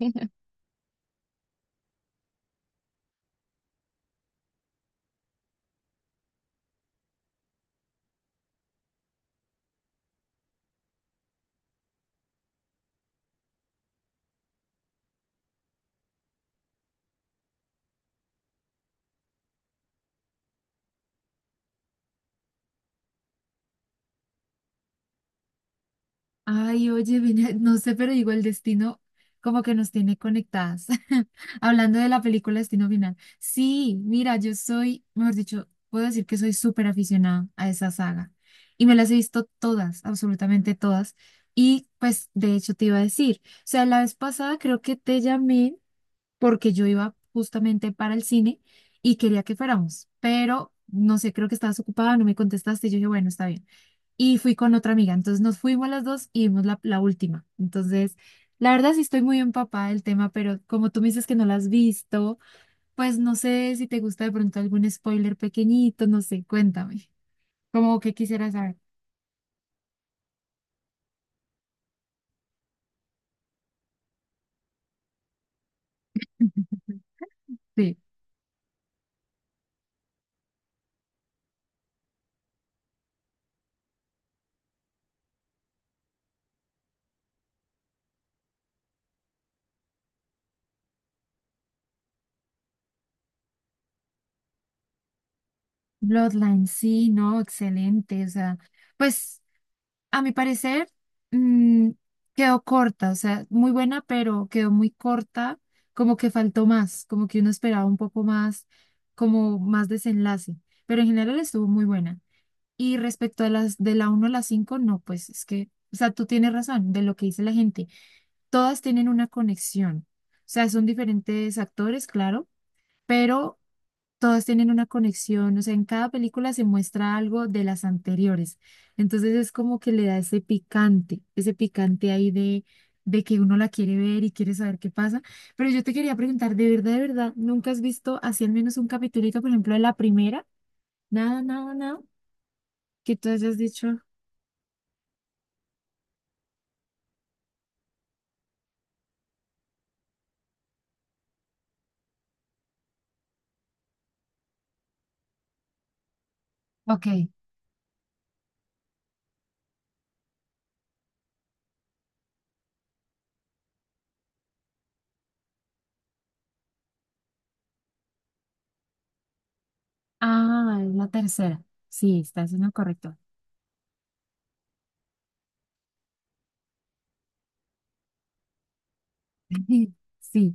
Ay, oye, no sé, pero digo, el destino como que nos tiene conectadas. Hablando de la película Destino Final. Sí, mira, yo soy, mejor dicho, puedo decir que soy súper aficionada a esa saga. Y me las he visto todas, absolutamente todas. Y pues, de hecho, te iba a decir, o sea, la vez pasada creo que te llamé porque yo iba justamente para el cine y quería que fuéramos, pero no sé, creo que estabas ocupada, no me contestaste. Y yo dije, bueno, está bien. Y fui con otra amiga. Entonces nos fuimos las dos y vimos la última. Entonces, la verdad sí estoy muy empapada del tema, pero como tú me dices que no la has visto, pues no sé si te gusta de pronto algún spoiler pequeñito, no sé, cuéntame. Como que quisieras saber. Sí, Bloodline, sí, no, excelente. O sea, pues a mi parecer, mm, quedó corta, o sea, muy buena, pero quedó muy corta, como que faltó más, como que uno esperaba un poco más, como más desenlace, pero en general estuvo muy buena. Y respecto a las de la uno a la 5 no, pues es que, o sea, tú tienes razón de lo que dice la gente, todas tienen una conexión, o sea, son diferentes actores, claro, pero todos tienen una conexión, o sea, en cada película se muestra algo de las anteriores. Entonces es como que le da ese picante ahí de que uno la quiere ver y quiere saber qué pasa. Pero yo te quería preguntar, de verdad, nunca has visto así al menos un capitulito, por ejemplo, de la primera? Nada, nada, nada, que tú hayas dicho, ok, ah, es la tercera. Sí, estás en lo correcto. Sí.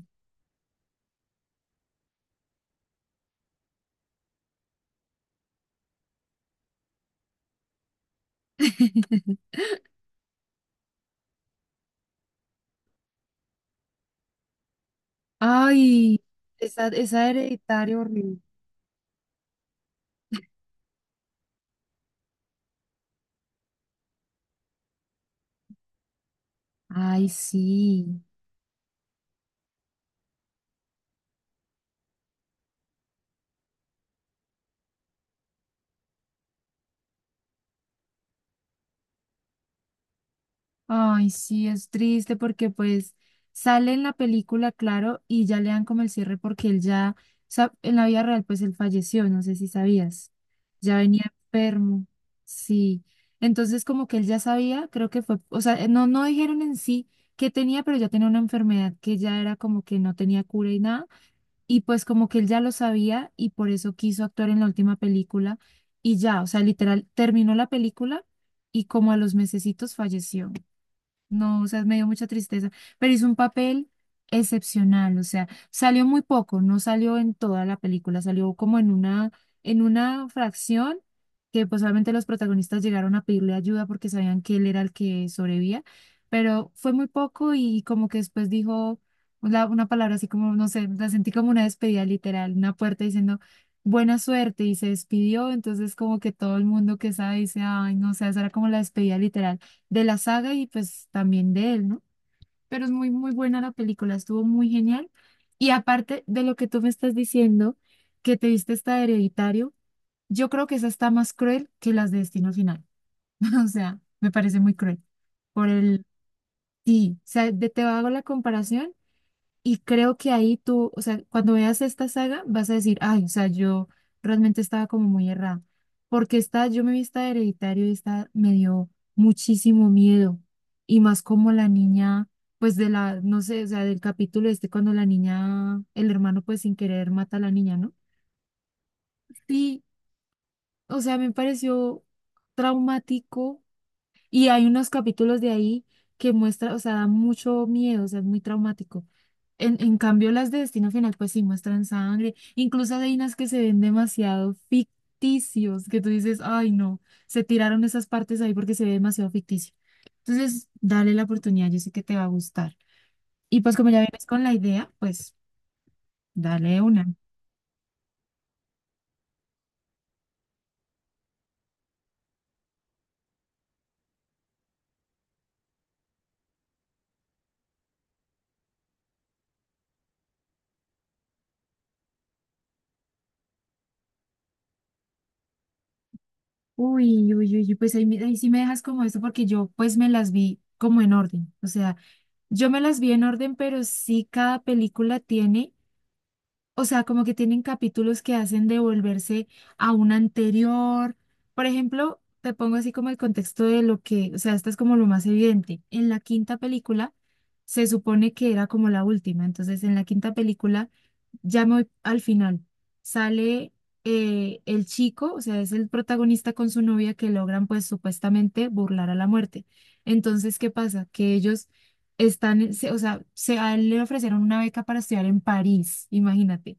Ay, esa hereditaria horrible. Ay, sí. Ay, sí, es triste porque pues sale en la película, claro, y ya le dan como el cierre porque él ya, o sea, en la vida real pues él falleció, no sé si sabías, ya venía enfermo, sí. Entonces como que él ya sabía, creo que fue, o sea, no, no dijeron en sí que tenía, pero ya tenía una enfermedad que ya era como que no tenía cura y nada. Y pues como que él ya lo sabía y por eso quiso actuar en la última película y ya, o sea, literal, terminó la película y como a los mesecitos falleció. No, o sea, me dio mucha tristeza, pero hizo un papel excepcional, o sea, salió muy poco, no salió en toda la película, salió como en una fracción que pues solamente los protagonistas llegaron a pedirle ayuda porque sabían que él era el que sobrevivía, pero fue muy poco y como que después dijo una palabra así como, no sé, la sentí como una despedida literal, una puerta diciendo buena suerte y se despidió, entonces como que todo el mundo que sabe dice, ay, no, o sea, esa era como la despedida literal de la saga y pues también de él, ¿no? Pero es muy, muy buena la película, estuvo muy genial. Y aparte de lo que tú me estás diciendo, que te viste esta de Hereditario, yo creo que esa está más cruel que las de Destino Final. O sea, me parece muy cruel. Por el, sí, o sea, te hago la comparación y creo que ahí tú, o sea, cuando veas esta saga, vas a decir, ay, o sea, yo realmente estaba como muy errada. Porque esta, yo me vi esta de Hereditario y esta me dio muchísimo miedo. Y más como la niña, pues de la, no sé, o sea, del capítulo este, cuando la niña, el hermano, pues sin querer mata a la niña, ¿no? Sí, o sea, me pareció traumático y hay unos capítulos de ahí que muestra, o sea, da mucho miedo, o sea, es muy traumático. En cambio, las de Destino Final, pues sí muestran sangre. Incluso hay unas que se ven demasiado ficticios, que tú dices, ay, no, se tiraron esas partes ahí porque se ve demasiado ficticio. Entonces, dale la oportunidad, yo sé que te va a gustar. Y pues como ya vienes con la idea, pues dale una. Uy, uy, uy, uy, pues ahí, ahí sí me dejas como eso porque yo pues me las vi como en orden. O sea, yo me las vi en orden, pero sí cada película tiene, o sea, como que tienen capítulos que hacen devolverse a un anterior. Por ejemplo, te pongo así como el contexto de lo que, o sea, esto es como lo más evidente. En la quinta película se supone que era como la última, entonces en la quinta película ya me voy al final. Sale el chico, o sea, es el protagonista con su novia que logran pues supuestamente burlar a la muerte. Entonces, ¿qué pasa? Que ellos están, o sea, a él le ofrecieron una beca para estudiar en París, imagínate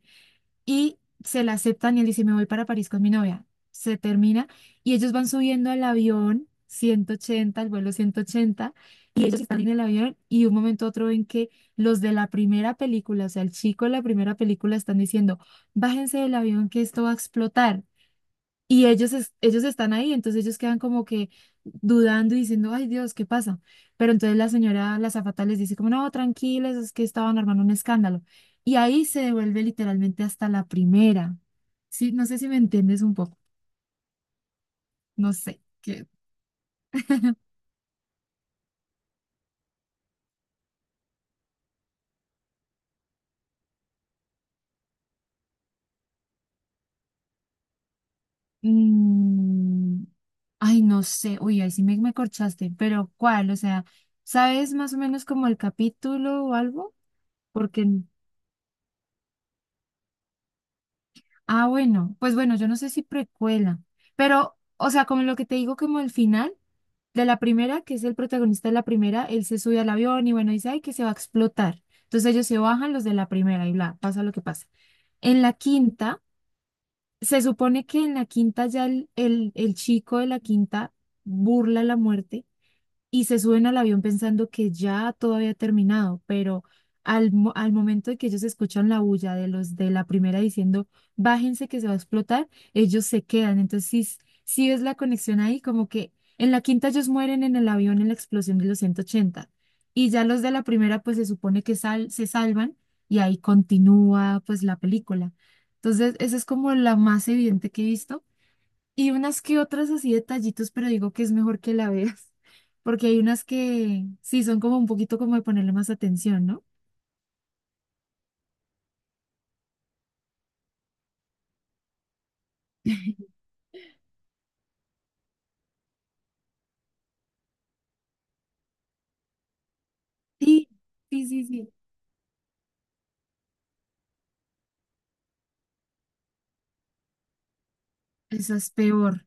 y se la aceptan y él dice, me voy para París con mi novia. Se termina y ellos van subiendo al avión 180 al vuelo 180 y ellos están en el avión y de un momento a otro ven que los de la primera película, o sea, el chico de la primera película están diciendo, bájense del avión que esto va a explotar. Y ellos, ellos están ahí, entonces ellos quedan como que dudando y diciendo, ay Dios, ¿qué pasa? Pero entonces la señora, la azafata les dice como, no, tranquilos, es que estaban armando un escándalo. Y ahí se devuelve literalmente hasta la primera. Sí, no sé si me entiendes un poco, no sé, que. mm, Ay, no sé, uy, ahí sí me corchaste, pero ¿cuál? O sea, ¿sabes más o menos como el capítulo o algo? Porque ah, bueno, pues bueno, yo no sé si precuela, pero, o sea, como lo que te digo, como el final de la primera, que es el protagonista de la primera, él se sube al avión y bueno, dice, ay, que se va a explotar. Entonces ellos se bajan los de la primera y bla, pasa lo que pasa. En la quinta, se supone que en la quinta ya el chico de la quinta burla la muerte y se suben al avión pensando que ya todo había terminado, pero al, al momento de que ellos escuchan la bulla de los de la primera diciendo, bájense que se va a explotar, ellos se quedan. Entonces, sí es la conexión ahí, como que en la quinta ellos mueren en el avión en la explosión de los 180 y ya los de la primera pues se supone que se salvan y ahí continúa pues la película. Entonces, esa es como la más evidente que he visto y unas que otras así detallitos, pero digo que es mejor que la veas, porque hay unas que sí son como un poquito como de ponerle más atención, ¿no? Sí, sí, sí, sí. Esa es peor.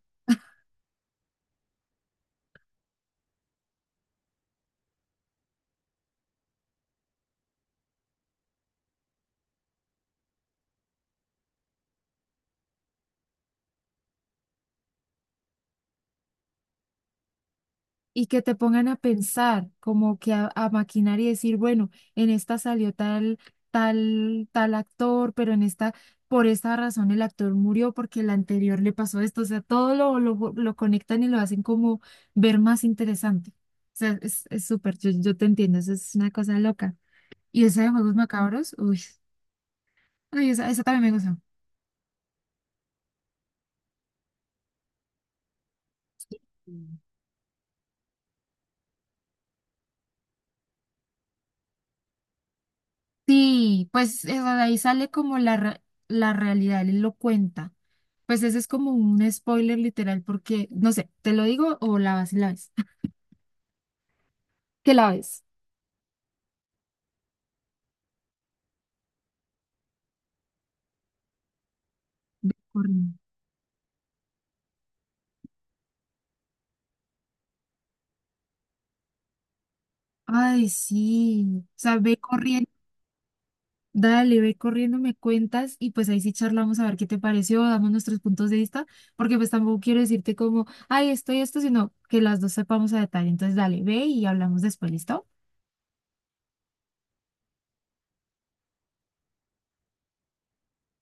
Y que te pongan a pensar, como que a maquinar y decir, bueno, en esta salió tal, tal, tal actor, pero en esta, por esta razón el actor murió porque el anterior le pasó esto. O sea, todo lo conectan y lo hacen como ver más interesante. O sea, es súper, yo te entiendo, eso es una cosa loca. Y esa de Juegos Macabros, uy, uy, esa también me gusta. Mm. Sí, pues eso, de ahí sale como la, la realidad, él lo cuenta. Pues ese es como un spoiler literal, porque, no sé, ¿te lo digo o la vas y la ves? ¿Qué la ves? Corriendo. Ay, sí. O sea, ve corriendo, dale, ve corriendo, me cuentas y pues ahí sí charlamos a ver qué te pareció, damos nuestros puntos de vista, porque pues tampoco quiero decirte como, ay, esto y esto, sino que las dos sepamos a detalle. Entonces, dale, ve y hablamos después, ¿listo?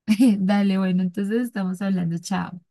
Dale, bueno, entonces estamos hablando, chao.